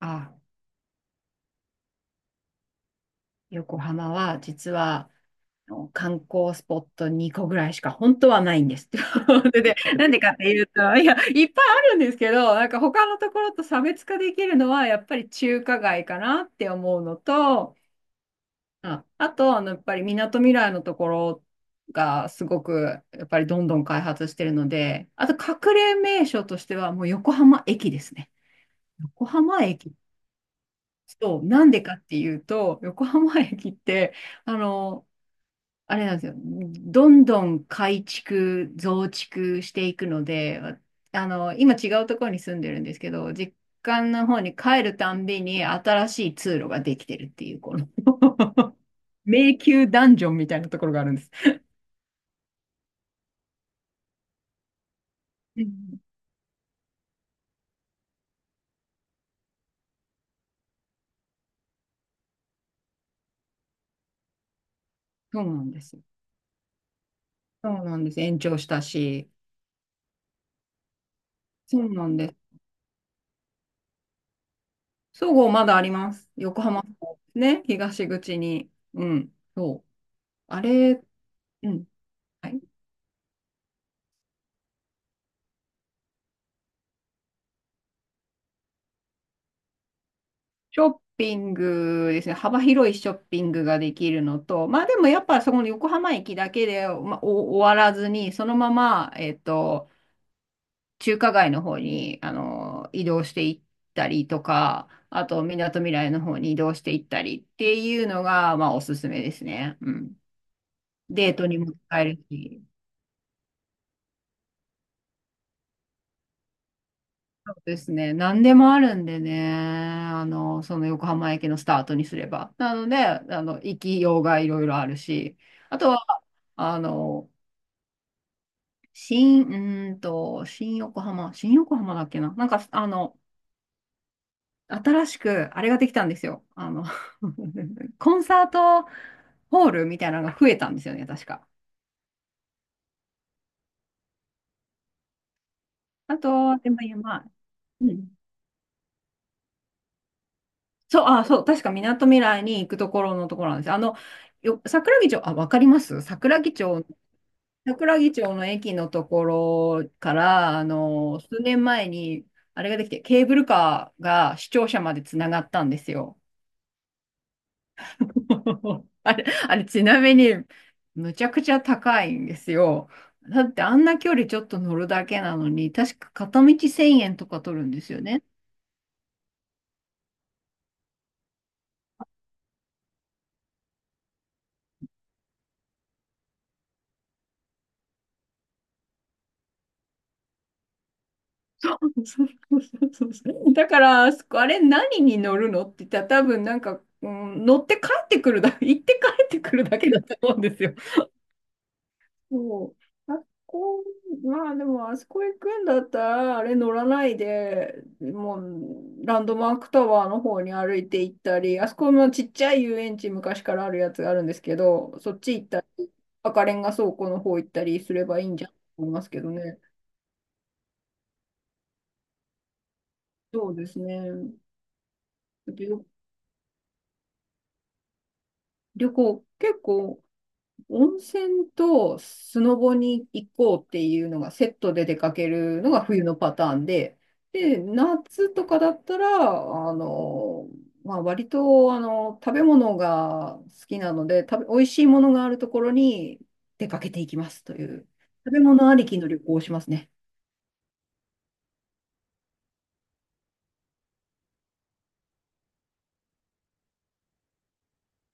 あ、横浜は実は観光スポット2個ぐらいしか本当はないんです。で、なんでかっていうと、いや、いっぱいあるんですけど、なんか他のところと差別化できるのはやっぱり中華街かなって思うのと、あと、やっぱりみなとみらいのところがすごくやっぱりどんどん開発してるので、あと隠れ名所としてはもう横浜駅ですね。横浜駅。そう、なんでかっていうと、横浜駅って、あの、あれなんですよ。どんどん改築、増築していくので、今違うところに住んでるんですけど、実家の方に帰るたんびに新しい通路ができてるっていう、この 迷宮ダンジョンみたいなところがあるんです。うん、そうなんです。そうなんです。延長したし。そうなんです。そごうまだあります。横浜の方ね、東口に。うん、そう。あれ、うん。はい、ショッピングですね、幅広いショッピングができるのと、まあでもやっぱそこの横浜駅だけで、まあ、お終わらずに、そのまま、中華街の方に移動していったりとか、あと、みなとみらいの方に移動していったりっていうのが、まあおすすめですね。うん。デートにも使えるし。そうですね。何でもあるんでね。その横浜駅のスタートにすれば。なので、行きようがいろいろあるし。あとはあの、新、うーんと、新横浜、新横浜だっけな、なんか、新しく、あれができたんですよ。あの コンサートホールみたいなのが増えたんですよね、確か。あと、でも今、うん。そう、あ、そう、確かみなとみらいに行くところのところなんですよ。桜木町、あ、わかります桜木町、桜木町の駅のところから、数年前に、あれができて、ケーブルカーが視聴者までつながったんですよ。あれ、あれ、ちなみに、むちゃくちゃ高いんですよ。だってあんな距離ちょっと乗るだけなのに、確か片道1000円とか取るんですよね。そうそうそうそうだから、あそこあれ何に乗るのって言ったら多分なんか、うん、乗って帰ってくるだ、行って帰ってくるだけだと思うんですよ。そう。あそこ、まあでも、あそこ行くんだったら、あれ乗らないで、もランドマークタワーの方に歩いて行ったり、あそこもちっちゃい遊園地昔からあるやつがあるんですけど、そっち行ったり、赤レンガ倉庫の方行ったりすればいいんじゃんと思いますけどね。そうですね。旅、旅行、結構温泉とスノボに行こうっていうのがセットで出かけるのが冬のパターンで、で、夏とかだったら、あの、まあ、割と、食べ物が好きなので、美味しいものがあるところに出かけていきますという、食べ物ありきの旅行をしますね。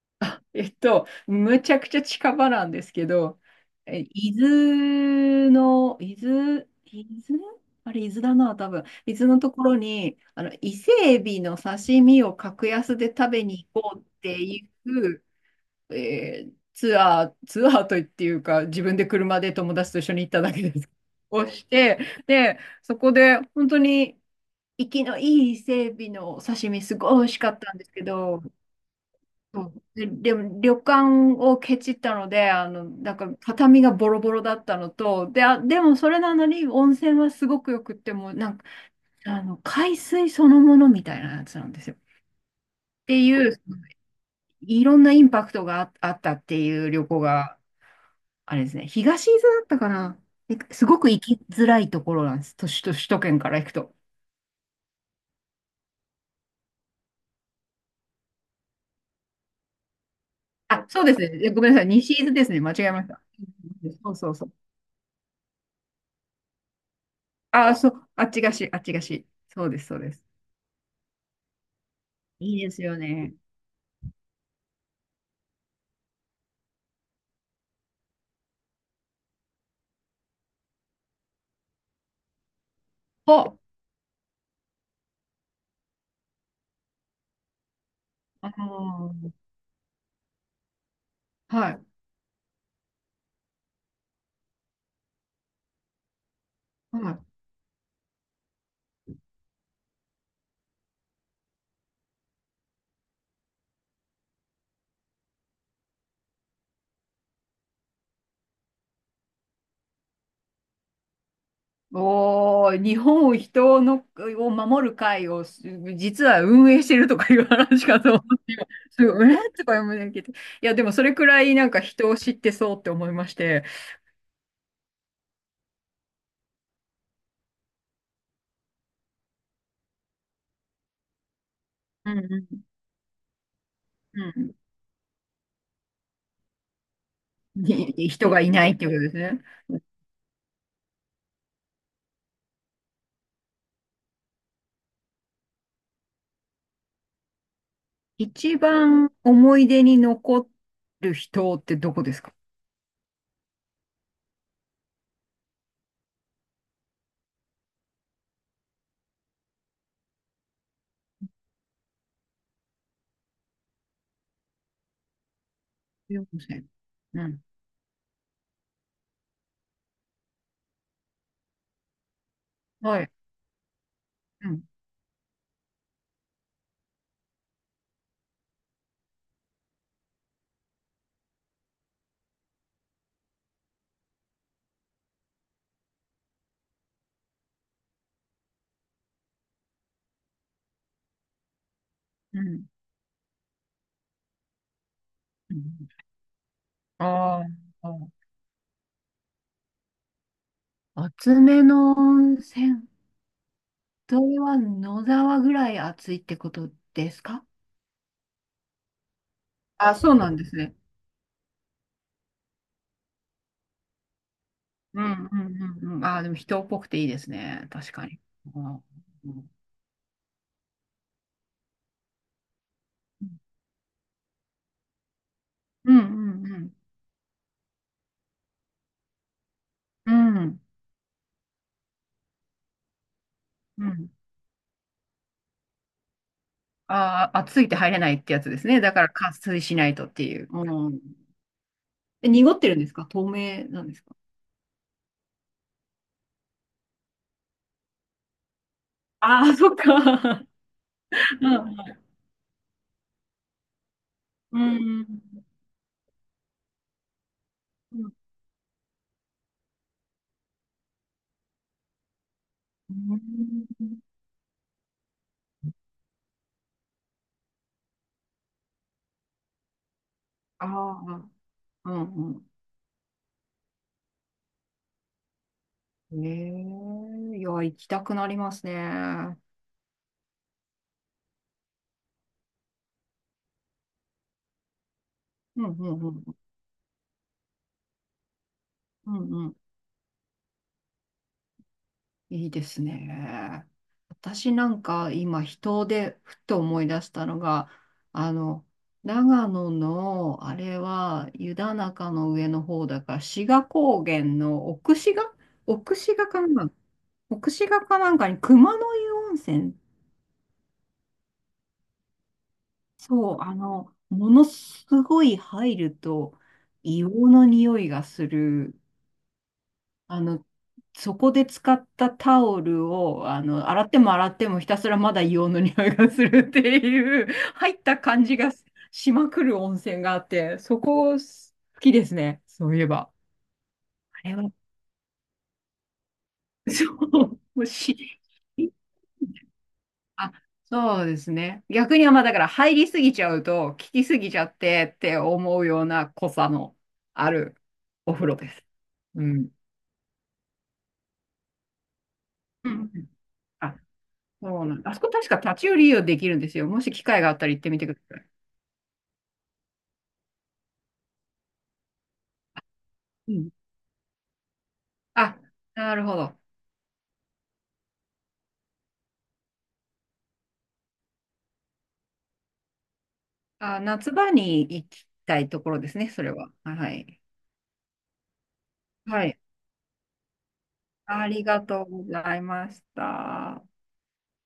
あ、むちゃくちゃ近場なんですけど、え、伊豆の、伊豆、伊豆あれ、伊豆だな、多分。伊豆のところに、伊勢エビの刺身を格安で食べに行こうっていう、ツアーといっていうか、自分で車で友達と一緒に行っただけです。をして、で、そこで、本当に、生きのいい伊勢エビの刺身、すごい美味しかったんですけど、そうで、でも旅館をケチったので、なんか畳がボロボロだったのと、で、あ、でもそれなのに温泉はすごくよくって、もうなんか、海水そのものみたいなやつなんですよ。っていう、いろんなインパクトがあ、あったっていう旅行が、あれですね、東伊豆だったかな。ですごく行きづらいところなんです。都市と首都圏から行くと。あ、そうですね。えごめんなさい。西伊豆ですね。間違えました。そうそうそう。あ、そう、あっちがし、あっちがし。そうです、そうです。いいですよね。あ、あーはい、はい。おー、日本を人のを守る会を実は運営してるとかいう話かと思ってすごい、とか思いながいて。いや、でもそれくらいなんか人を知ってそうって思いまして、うんうん。うん、に人がいないっていうことですね。一番思い出に残る人ってどこですか？よんせん、うん。はい。うん。うん。うん、ああ。熱めの温泉。それは野沢ぐらい暑いってことですか？あ、そうなんですね。うんうんうんうん。あ、でも人っぽくていいですね。確かに。うんうんうんうん。うんうん、あ、暑いって入れないってやつですね。だから加水しないとっていう。うん。え、濁ってるんですか透明なんですか？ああ、そっか。うんうんうん。うん。ああ、うんうん、ええいや、行きたくなりますね。うんうんうん。うんうん。いいですね。私なんか今、人でふと思い出したのが、あの、長野の、あれは湯田中の上の方だから、志賀高原の奥志賀奥志賀かな、奥志賀かなんかに熊の湯温泉。そう、ものすごい入ると硫黄の匂いがする。あの、そこで使ったタオルを、洗っても洗ってもひたすらまだ硫黄の匂いがするっていう、入った感じがしまくる温泉があって、そこ好きですね。そういえば。あれは、そう、もうし、あ、そうですね。逆にはまあだから入りすぎちゃうと、効きすぎちゃってって思うような濃さのあるお風呂です。うん。うん。あ、そうなん、あそこ確か立ち寄り利用できるんですよ。もし機会があったら行ってみてください。うん。あ、なるほど。あ、夏場に行きたいところですね、それは。はい。はい。ありがとうございました。